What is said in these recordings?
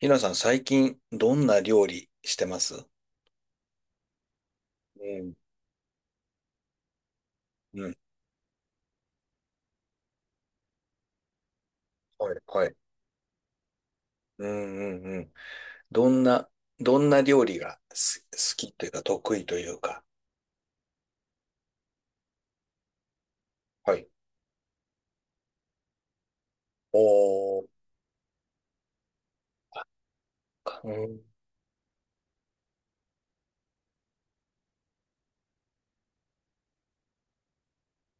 ひなさん、最近、どんな料理してます？うん。うん。はい、はい。うんうんうん。どんな、どんな料理が好きというか、得意というか。はい。おー、うん。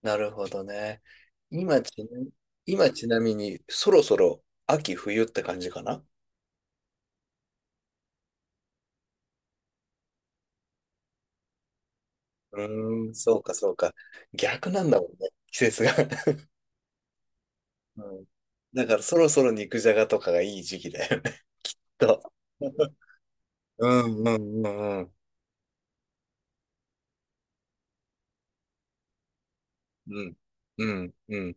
なるほどね。今ちな、今ちなみに、そろそろ秋冬って感じかな？うーん、そうか、そうか。逆なんだもんね、季節が。うん、だから、そろそろ肉じゃがとかがいい時期だよね。と。うんうんうんうん。うん、うん、うん。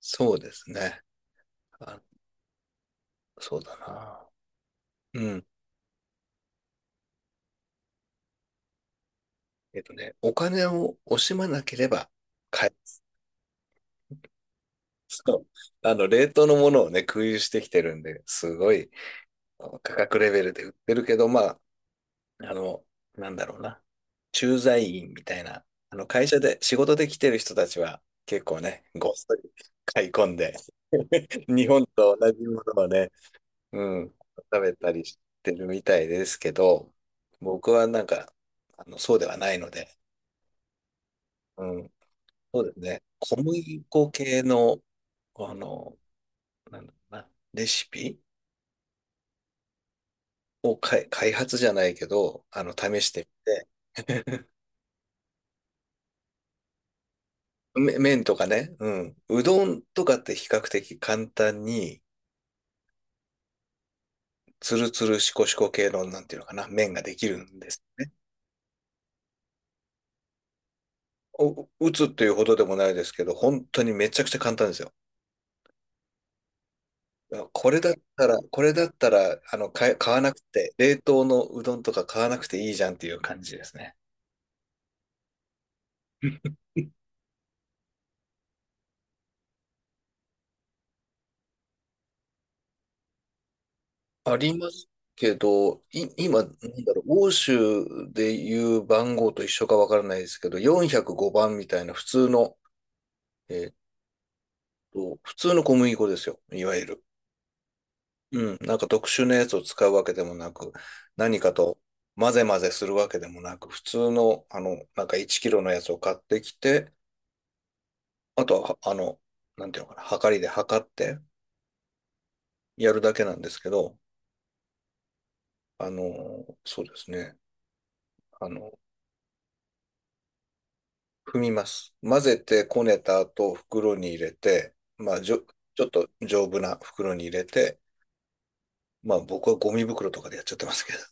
そうですね。あ、そうだな。うん。お金を惜しまなければ買える。そう。冷凍のものをね、空輸してきてるんで、すごいあの価格レベルで売ってるけど、まあ、あの、なんだろうな。駐在員みたいな、会社で、仕事で来てる人たちは、結構ね、ごっそり買い込んで、日本と同じものをね、うん、食べたりしてるみたいですけど、僕はなんか、そうではないので、うん、そうですね。小麦粉系の、あの、なんだろうな、レシピを開発じゃないけど、試してみて、麺とかね、うん、うどんとかって比較的簡単に、つるつるしこしこ系の、なんていうのかな、麺ができるんですね。お、打つっていうほどでもないですけど、本当にめちゃくちゃ簡単ですよ。これだったら、買わなくて、冷凍のうどんとか買わなくていいじゃんっていう感じですね。ありますけど、今、なんだろう、欧州でいう番号と一緒かわからないですけど、405番みたいな普通の、えーっ普通の小麦粉ですよ、いわゆる。うん、なんか特殊なやつを使うわけでもなく、何かと混ぜ混ぜするわけでもなく、普通の、なんか1キロのやつを買ってきて、あとは、なんていうのかな、はかりで測ってやるだけなんですけど、そうですね。あの、踏みます。混ぜてこねた後、袋に入れて、まあ、ちょっと丈夫な袋に入れて、まあ、僕はゴミ袋とかでやっちゃってますけど。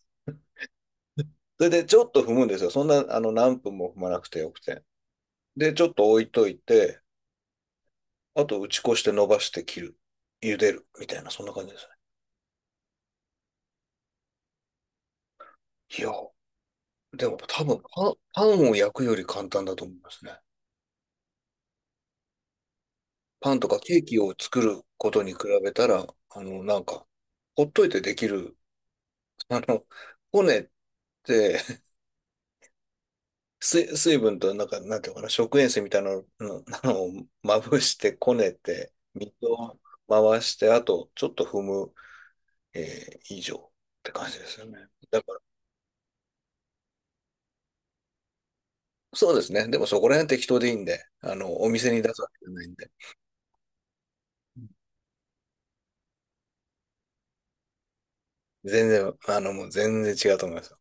それで、ちょっと踏むんですよ。そんな、何分も踏まなくてよくて。で、ちょっと置いといて、あと、打ち粉して伸ばして切る。茹でる。みたいな、そんな感じですね。いや、でも多分パンを焼くより簡単だと思いますね。パンとかケーキを作ることに比べたら、なんか、ほっといてできる、あの、骨って、水分と、なんか、なんていうのかな、食塩水みたいなの、のあ のまぶしてこねて、水を回して、あと、ちょっと踏む、以上って感じですよね。だから、そうですね。でもそこら辺適当でいいんで、お店に出すわけじゃないんで、全然、もう全然違うと思いますよ。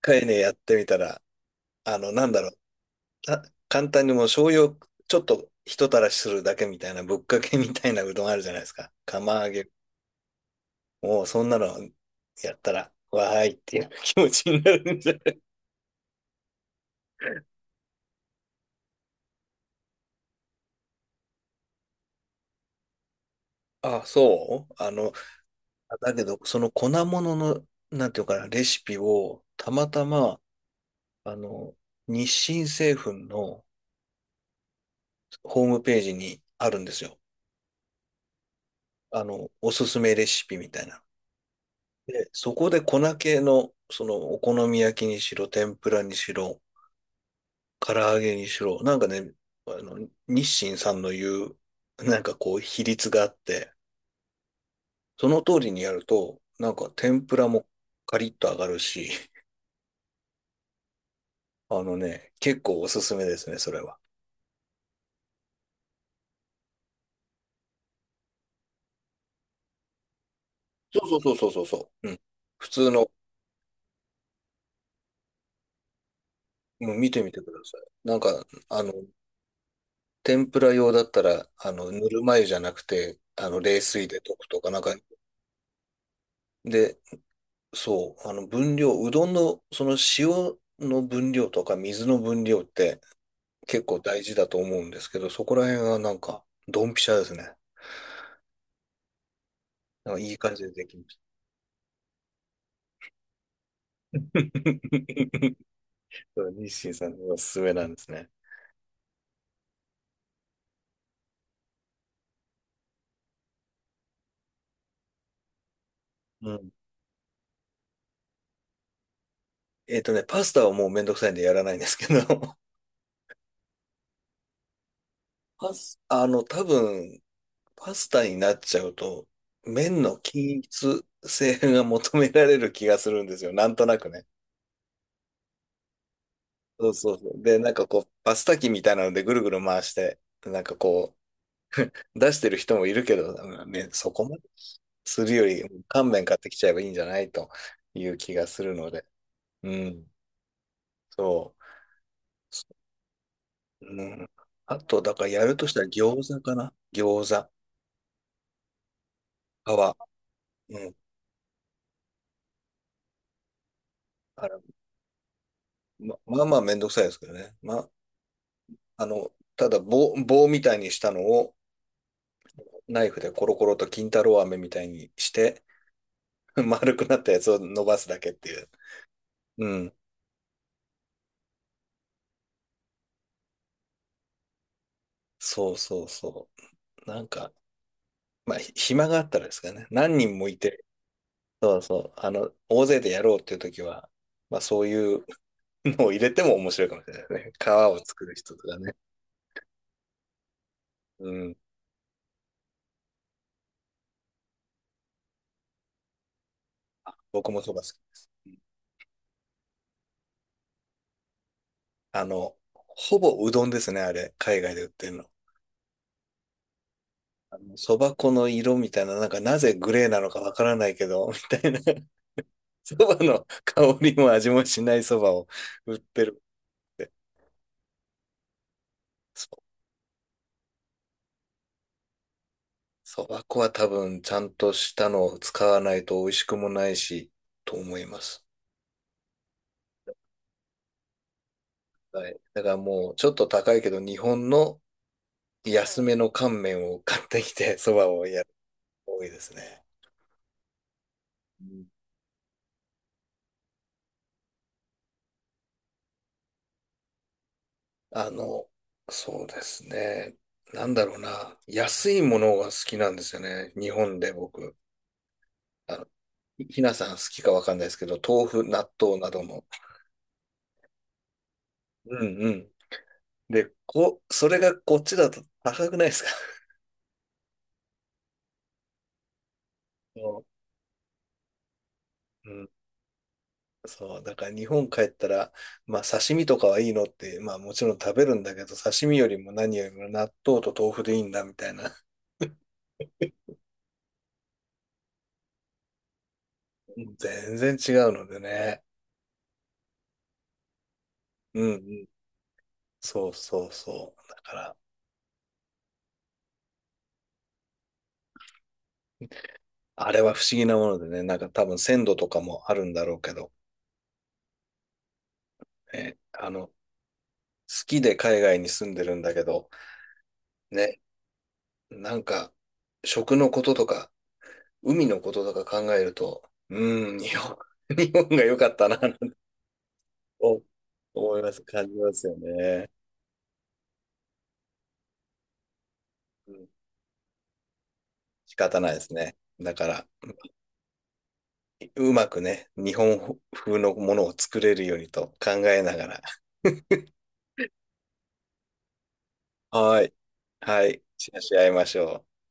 一回ね、やってみたら、なんだろう、簡単にもう醤油をちょっとひとたらしするだけみたいな、ぶっかけみたいなうどんあるじゃないですか。釜揚げ。もうそんなのやったら、わーいっていう気持ちになるんじゃない？あ、そうだけど、その粉物の、なんていうかな、レシピを、たまたま、あの、日清製粉のホームページにあるんですよ。おすすめレシピみたいな。で、そこで粉系の、その、お好み焼きにしろ、天ぷらにしろ、唐揚げにしろ、なんかね、あの、日清さんの言う、なんかこう、比率があって、その通りにやると、なんか天ぷらもカリッと揚がるし、あのね、結構おすすめですね、それは。そうそうそうそうそう。うん。普通の、もう見てみてください。なんか、あの、天ぷら用だったら、ぬるま湯じゃなくて、冷水で溶くとか、なんか、で、そう、分量、うどんの、その塩の分量とか水の分量って、結構大事だと思うんですけど、そこら辺はなんか、ドンピシャですね。なんかいい感じでできました。そう、日清さんのおすすめなんですね。うん。パスタはもうめんどくさいんでやらないんですけど、多分、パスタになっちゃうと、麺の均一性が求められる気がするんですよ。なんとなくね。そうそうそう。で、なんかこう、パスタ機みたいなのでぐるぐる回して、なんか出してる人もいるけど、ね、そこまでするより、乾麺買ってきちゃえばいいんじゃないという気がするので。うん、そう。うん、あと、だからやるとしたら餃子かな、餃子、皮。うん。あれ、まあまあめんどくさいですけどね。まあ、あの、ただ棒みたいにしたのをナイフでコロコロと金太郎飴みたいにして、丸くなったやつを伸ばすだけっていう。うん。そうそうそう。なんか、まあ、暇があったらですかね。何人もいて、そうそう。大勢でやろうっていう時は、まあそういうのを入れても面白いかもしれないですね。皮を作る人とかね。うん。僕もそば好き。ほぼうどんですね、あれ。海外で売ってるの。そば粉の色みたいな、なんかなぜグレーなのかわからないけど、みたいな。そばの香りも味もしないそばを売ってるって。そう。そば粉は多分ちゃんとしたのを使わないと美味しくもないし、と思います。はい。だからもうちょっと高いけど、日本の安めの乾麺を買ってきて、そばをやる多いですね。うんあの、そうですね。なんだろうな。安いものが好きなんですよね。日本で僕。あの、ひなさん好きかわかんないですけど、豆腐、納豆などの。うんうん。で、それがこっちだと高くないですか？ そううん。そう。だから日本帰ったら、まあ刺身とかはいいのって、まあもちろん食べるんだけど、刺身よりも何よりも納豆と豆腐でいいんだみたいな、全然違うのでね。うんうん。そうそうそう。だから、あれは不思議なものでね、なんか多分鮮度とかもあるんだろうけど、え、好きで海外に住んでるんだけど、ね、なんか、食のこととか、海のこととか考えると、うん、日本、日本が良かったな、なんてお思います、感じますよね。うん、仕方ないですね。だから、うまくね、日本風のものを作れるようにと考えながら、はい。はい。シェアし合いましょう。